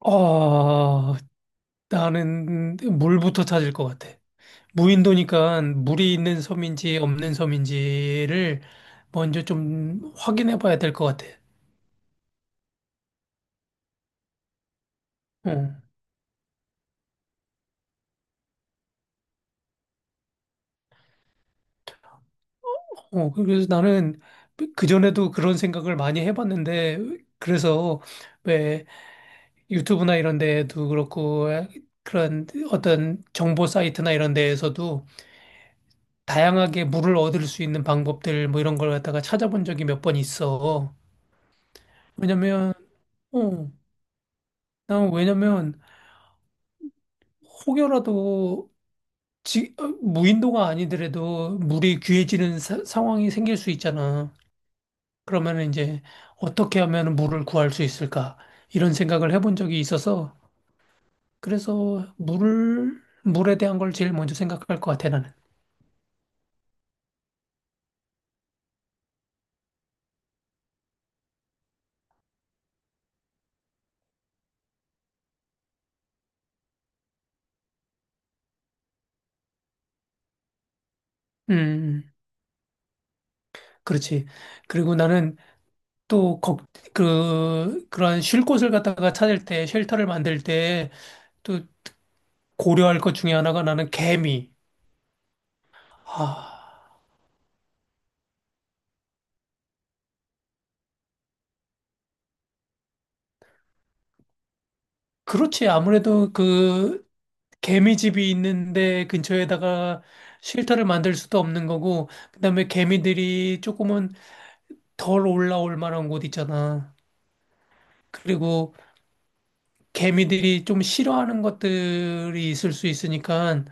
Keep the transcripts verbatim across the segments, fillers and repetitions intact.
아, 나는 물부터 찾을 것 같아. 무인도니까 물이 있는 섬인지 없는 섬인지를 먼저 좀 확인해 봐야 될 것 같아. 어, 어, 그래서 나는 그전에도 그런 생각을 많이 해봤는데, 그래서 왜 유튜브나 이런 데도 그렇고, 그런 어떤 정보 사이트나 이런 데에서도 다양하게 물을 얻을 수 있는 방법들 뭐 이런 걸 갖다가 찾아본 적이 몇 번 있어. 왜냐면, 어, 난 왜냐면 혹여라도 지, 어, 무인도가 아니더라도 물이 귀해지는 사- 상황이 생길 수 있잖아. 그러면 이제 어떻게 하면 물을 구할 수 있을까? 이런 생각을 해본 적이 있어서 그래서 물을 물에 대한 걸 제일 먼저 생각할 것 같아 나는. 음, 음. 그렇지. 그리고 나는 또 걱, 그, 그러한 쉴 곳을 갖다가 찾을 때, 쉘터를 만들 때 또 고려할 것 중에 하나가 나는 개미. 아. 그렇지. 아무래도 그 개미집이 있는데 근처에다가 쉘터를 만들 수도 없는 거고, 그다음에 개미들이 조금은 덜 올라올 만한 곳 있잖아. 그리고 개미들이 좀 싫어하는 것들이 있을 수 있으니까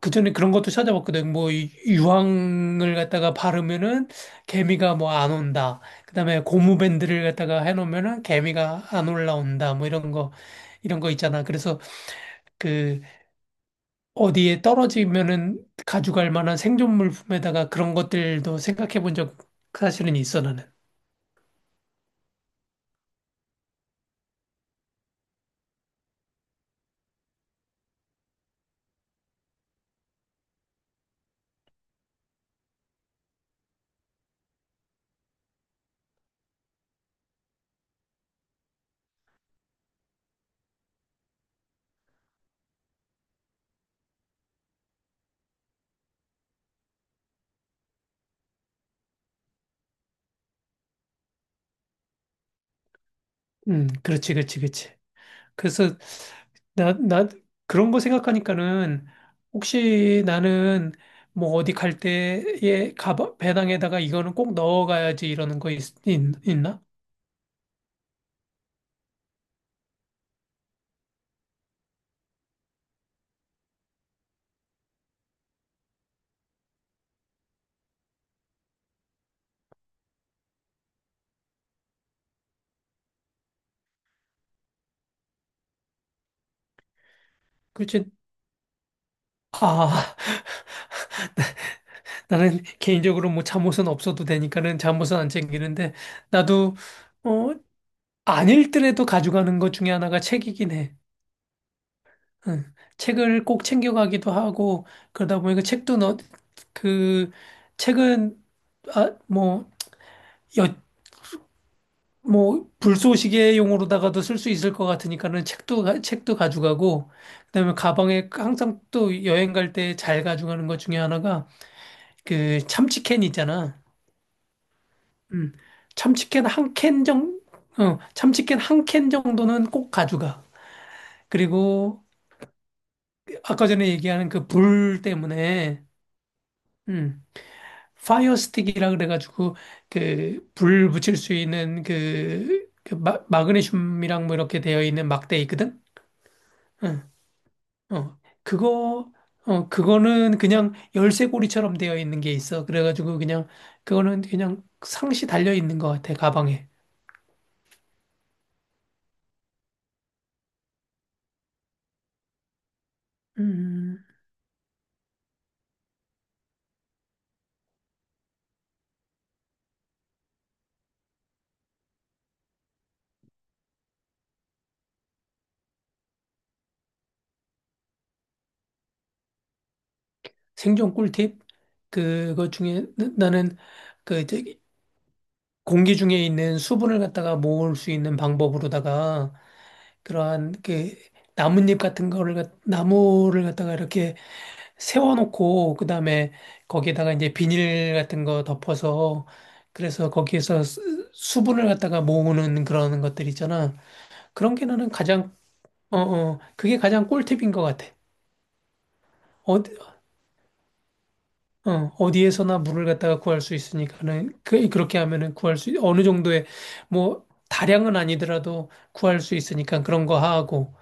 그전에 그런 것도 찾아봤거든. 뭐 이- 유황을 갖다가 바르면은 개미가 뭐 안 온다. 그다음에 고무밴드를 갖다가 해놓으면은 개미가 안 올라온다. 뭐 이런 거 이런 거 있잖아. 그래서 그 어디에 떨어지면은 가져갈 만한 생존 물품에다가 그런 것들도 생각해 본 적 사실은 있어 나는. 음, 그렇지, 그렇지, 그렇지. 그래서 나, 나 그런 거 생각하니까는 혹시 나는 뭐 어디 갈 때에 가방 배낭에다가 이거는 꼭 넣어가야지 이러는 거 있, 있, 나 그렇지. 아, 나는 개인적으로 뭐 잠옷은 없어도 되니까는 잠옷은 안 챙기는데 나도 어, 안 읽더라도 가져가는 것 중에 하나가 책이긴 해. 응. 책을 꼭 챙겨가기도 하고 그러다 보니까 책도 너, 그 책은 아, 뭐, 여, 뭐 불쏘시개용으로다가도 쓸 수 있을 것 같으니까는 책도 가- 책도 가져가고 그다음에 가방에 항상 또 여행 갈 때 잘 가져가는 것 중에 하나가 그 참치캔 있잖아. 음. 참치캔 한 캔 정, 어, 참치캔 한 캔 정도는 꼭 가져가. 그리고 아까 전에 얘기하는 그 불 때문에 음. 파이어 스틱이라 그래가지고 그 불 붙일 수 있는 그, 그 마, 마그네슘이랑 뭐 이렇게 되어 있는 막대 있거든. 응. 어. 그거 어 그거는 그냥 열쇠고리처럼 되어 있는 게 있어. 그래가지고 그냥 그거는 그냥 상시 달려 있는 것 같아 가방에. 음. 생존 꿀팁 그것 중에 나- 나는 그 저기 공기 중에 있는 수분을 갖다가 모을 수 있는 방법으로다가 그러한 그 나뭇잎 같은 거를 갖- 나무를 갖다가 이렇게 세워놓고 그다음에 거기에다가 이제 비닐 같은 거 덮어서 그래서 거기에서 수- 수분을 갖다가 모으는 그런 것들 있잖아. 그런 게 나는 가장 어, 어, 그게 가장 꿀팁인 것 같아. 어디, 어, 어디에서나 물을 갖다가 구할 수 있으니까는 그 그렇게 하면은 구할 수 어느 정도의 뭐 다량은 아니더라도 구할 수 있으니까 그런 거 하고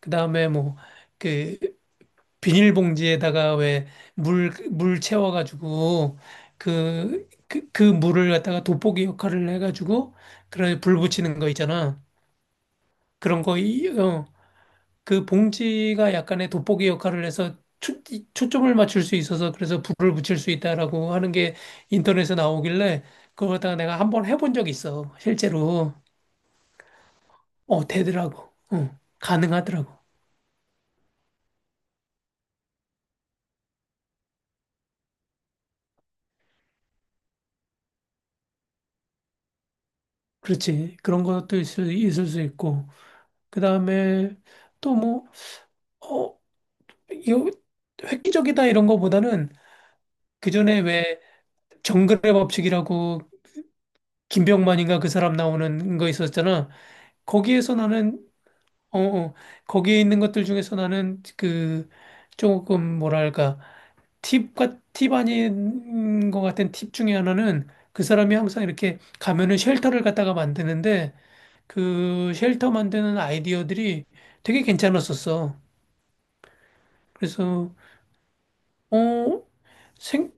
그다음에 뭐그 비닐봉지에다가 왜 물, 물 채워가지고 그, 그, 그 물을 갖다가 돋보기 역할을 해가지고 그런 불 붙이는 거 있잖아. 그런 거, 이- 어, 그 봉지가 약간의 돋보기 역할을 해서 초, 초점을 맞출 수 있어서 그래서 불을 붙일 수 있다라고 하는 게 인터넷에 나오길래 그거 갖다가 내가 한번 해본 적 있어. 실제로. 어, 되더라고. 어, 가능하더라고. 그렇지. 그런 것도 있을, 있을 수 있고. 그 다음에 어, 이거 획기적이다 이런 거보다는 그 전에 왜 정글의 법칙이라고 김병만인가 그 사람 나오는 거 있었잖아. 거기에서 나는 어, 어 거기에 있는 것들 중에서 나는 그 조금 뭐랄까 팁과 팁 아닌 것 같은 팁 중에 하나는 그 사람이 항상 이렇게 가면은 쉘터를 갖다가 만드는데 그 쉘터 만드는 아이디어들이 되게 괜찮았었어. 그래서 어 생?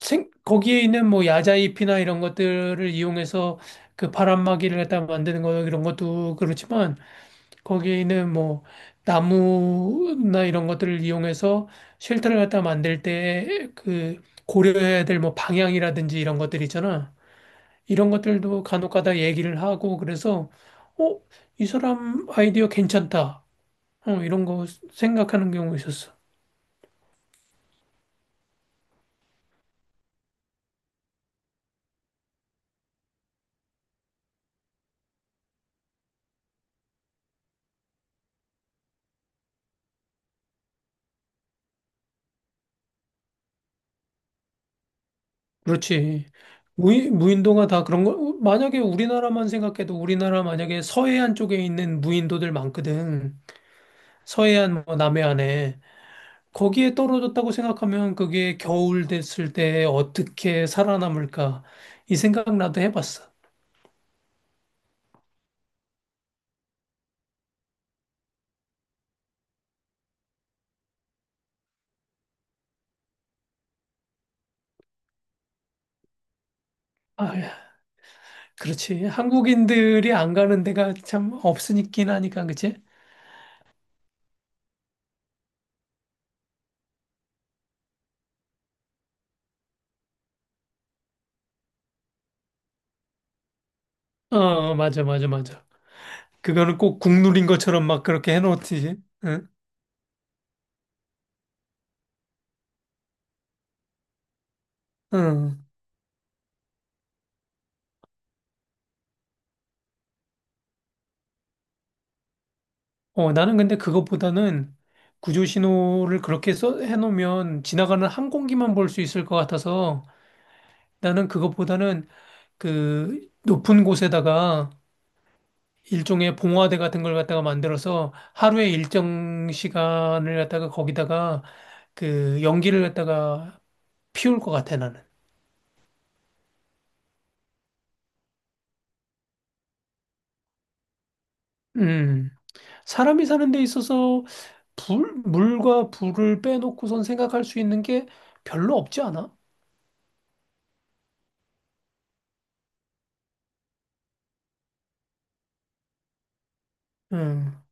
생, 거기에 있는 뭐 야자잎이나 이런 것들을 이용해서 그 바람막이를 갖다 만드는 거 이런 것도 그렇지만 거기에 있는 뭐 나무나 이런 것들을 이용해서 쉘터를 갖다 만들 때 그 고려해야 될 뭐 방향이라든지 이런 것들 있잖아. 이런 것들도 간혹가다 얘기를 하고 그래서 어, 이 사람 아이디어 괜찮다. 어, 이런 거 생각하는 경우 있었어. 그렇지. 무인, 무인도가 다 그런 거, 만약에 우리나라만 생각해도 우리나라 만약에 서해안 쪽에 있는 무인도들 많거든. 서해안, 뭐 남해안에. 거기에 떨어졌다고 생각하면 그게 겨울 됐을 때 어떻게 살아남을까. 이 생각 나도 해봤어. 아, 그렇지. 한국인들이 안 가는 데가 참 없으니까 하니까, 그치? 어, 어, 맞아, 맞아, 맞아. 그거는 꼭 국룰인 것처럼 막 그렇게 해놓지. 응? 응. 어, 나는 근데 그것보다는 구조 신호를 그렇게 써 해놓으면 지나가는 항공기만 볼 수 있을 것 같아서 나는 그것보다는 그 높은 곳에다가 일종의 봉화대 같은 걸 갖다가 만들어서 하루에 일정 시간을 갖다가 거기다가 그 연기를 갖다가 피울 것 같아, 나는. 음. 사람이 사는 데 있어서 불, 물과 불을 빼놓고선 생각할 수 있는 게 별로 없지 않아? 음.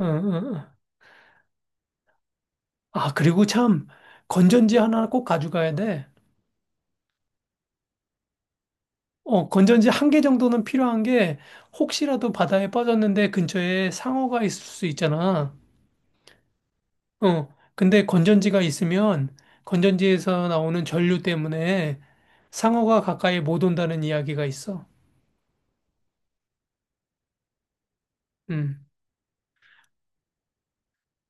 응, 응, 응. 아, 그리고 참, 건전지 하나 꼭 가져가야 돼. 어, 건전지 한 개 정도는 필요한 게, 혹시라도 바다에 빠졌는데 근처에 상어가 있을 수 있잖아. 어, 근데 건전지가 있으면, 건전지에서 나오는 전류 때문에 상어가 가까이 못 온다는 이야기가 있어. 음,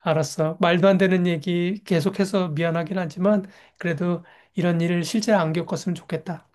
알았어. 말도 안 되는 얘기 계속해서 미안하긴 하지만, 그래도 이런 일을 실제 안 겪었으면 좋겠다.